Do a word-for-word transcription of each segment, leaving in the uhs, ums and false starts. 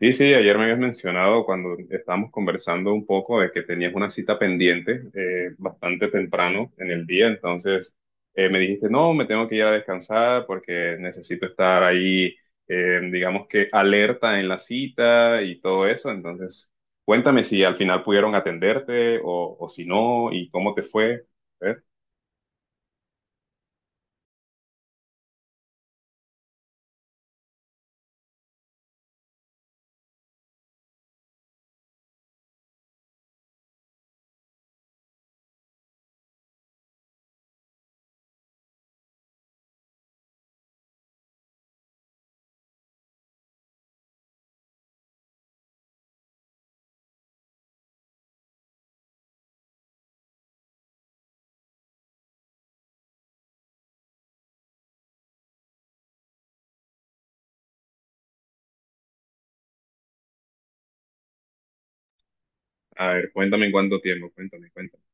Sí, sí, ayer me habías mencionado cuando estábamos conversando un poco de que tenías una cita pendiente eh, bastante temprano en el día, entonces eh, me dijiste, no, me tengo que ir a descansar porque necesito estar ahí, eh, digamos que alerta en la cita y todo eso, entonces cuéntame si al final pudieron atenderte o, o si no y cómo te fue. A ver, a ver, cuéntame en cuánto tiempo, cuéntame, cuéntame.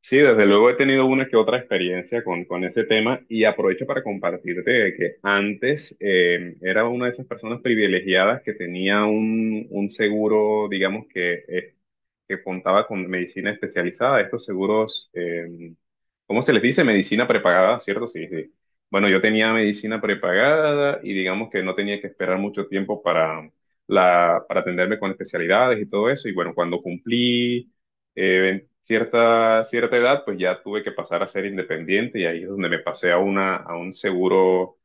Sí, desde luego he tenido una que otra experiencia con, con ese tema y aprovecho para compartirte de que antes eh, era una de esas personas privilegiadas que tenía un, un seguro, digamos que, eh, que contaba con medicina especializada, estos seguros, eh, ¿cómo se les dice? Medicina prepagada, ¿cierto? Sí, sí. Bueno, yo tenía medicina prepagada y digamos que no tenía que esperar mucho tiempo para, la, para atenderme con especialidades y todo eso y bueno, cuando cumplí... Eh, cierta, cierta edad, pues ya tuve que pasar a ser independiente y ahí es donde me pasé a una, a un seguro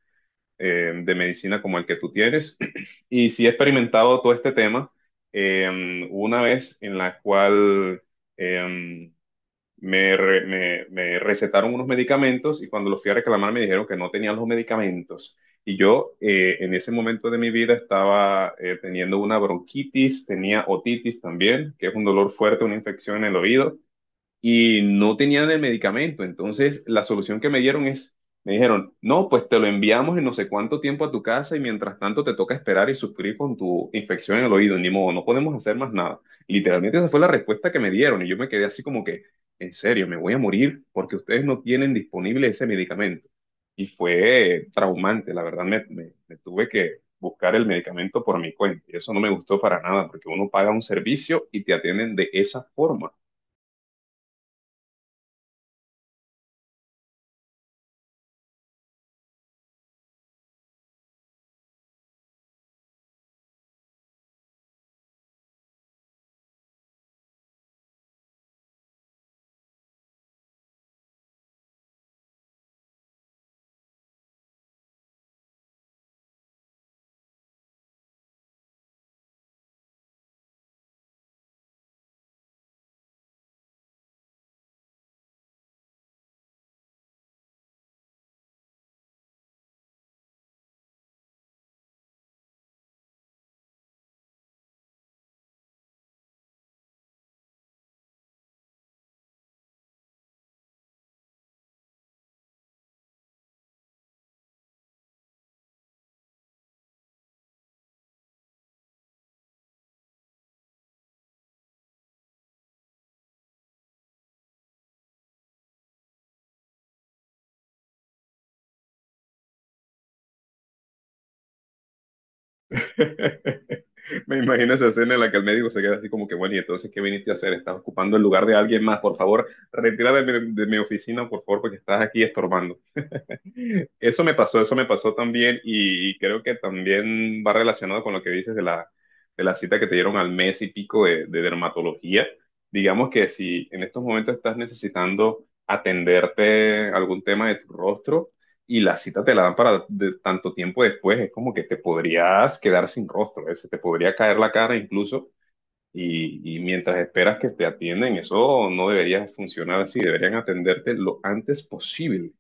eh, de medicina como el que tú tienes. Y sí he experimentado todo este tema. Eh, una vez en la cual eh, me, re- me- me recetaron unos medicamentos y cuando los fui a reclamar me dijeron que no tenía los medicamentos. Y yo eh, en ese momento de mi vida estaba eh, teniendo una bronquitis, tenía otitis también, que es un dolor fuerte, una infección en el oído y no tenían el medicamento. Entonces, la solución que me dieron es, me dijeron, no, pues te lo enviamos en no sé cuánto tiempo a tu casa y mientras tanto te toca esperar y sufrir con tu infección en el oído. Ni modo, no podemos hacer más nada. Literalmente esa fue la respuesta que me dieron y yo me quedé así como que, en serio, me voy a morir porque ustedes no tienen disponible ese medicamento. Y fue traumante, la verdad, me, me- me tuve que buscar el medicamento por mi cuenta. Y eso no me gustó para nada, porque uno paga un servicio y te atienden de esa forma. Me imagino esa escena en la que el médico se queda así como que, bueno, y entonces, ¿qué viniste a hacer? Estás ocupando el lugar de alguien más, por favor, retírate de mi, de mi oficina, por favor, porque estás aquí estorbando. Eso me pasó, eso me pasó también y, y creo que también va relacionado con lo que dices de la, de la cita que te dieron al mes y pico de, de dermatología. Digamos que si en estos momentos estás necesitando atenderte algún tema de tu rostro y la cita te la dan para de- tanto tiempo después, es como que te podrías quedar sin rostro, ¿eh? Se te podría caer la cara incluso y, y mientras esperas que te atienden, eso no debería funcionar así, deberían atenderte lo antes posible.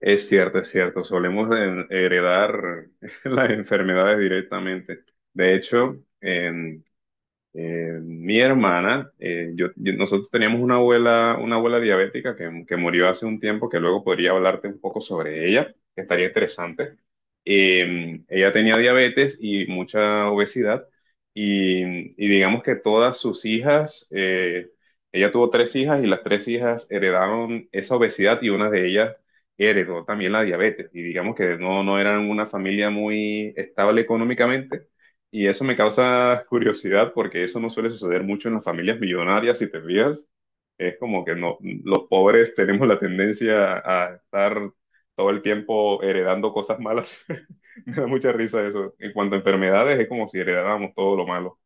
Es cierto, es cierto. Solemos en- heredar las enfermedades directamente. De hecho, en- eh, mi hermana, eh, yo, yo- nosotros teníamos una abuela, una abuela diabética que, que murió hace un tiempo, que luego podría hablarte un poco sobre ella, que estaría interesante. Eh, ella tenía diabetes y mucha obesidad y, y digamos que todas sus hijas, eh, ella tuvo tres hijas y las tres hijas heredaron esa obesidad y una de ellas heredó también la diabetes y digamos que no, no eran una familia muy estable económicamente y eso me causa curiosidad porque eso no suele suceder mucho en las familias millonarias, si te fijas. Es como que no, los pobres tenemos la tendencia a estar todo el tiempo heredando cosas malas. Me da mucha risa eso. En cuanto a enfermedades, es como si heredáramos todo lo malo.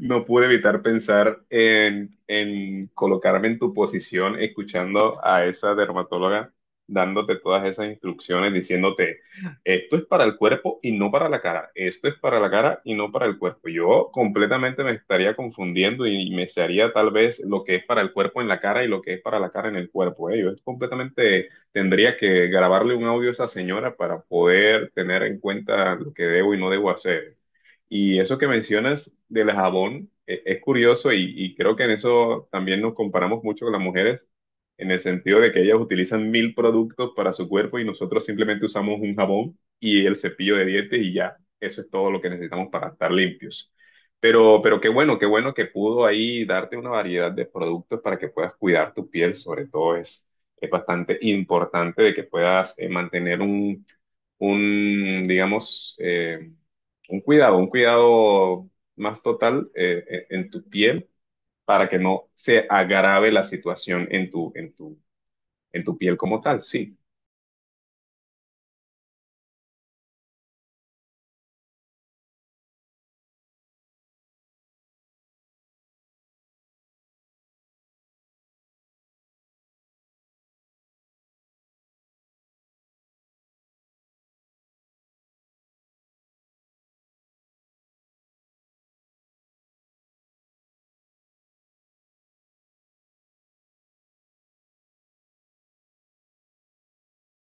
No pude evitar pensar en, en colocarme en tu posición escuchando a esa dermatóloga dándote todas esas instrucciones, diciéndote, esto es para el cuerpo y no para la cara, esto es para la cara y no para el cuerpo. Yo completamente me estaría confundiendo y me sería tal vez lo que es para el cuerpo en la cara y lo que es para la cara en el cuerpo. ¿Eh? Yo completamente tendría que grabarle un audio a esa señora para poder tener en cuenta lo que debo y no debo hacer. Y eso que mencionas del jabón eh, es curioso y, y creo que en eso también nos comparamos mucho con las mujeres, en el sentido de que ellas utilizan mil productos para su cuerpo y nosotros simplemente usamos un jabón y el cepillo de dientes y ya, eso es todo lo que necesitamos para estar limpios. Pero, pero qué bueno, qué bueno que pudo ahí darte una variedad de productos para que puedas cuidar tu piel, sobre todo es, es bastante importante de que puedas eh, mantener un, un, digamos, eh, un cuidado, un cuidado más total eh, eh, en tu piel para que no se agrave la situación en tu, en tu, en tu piel como tal, sí.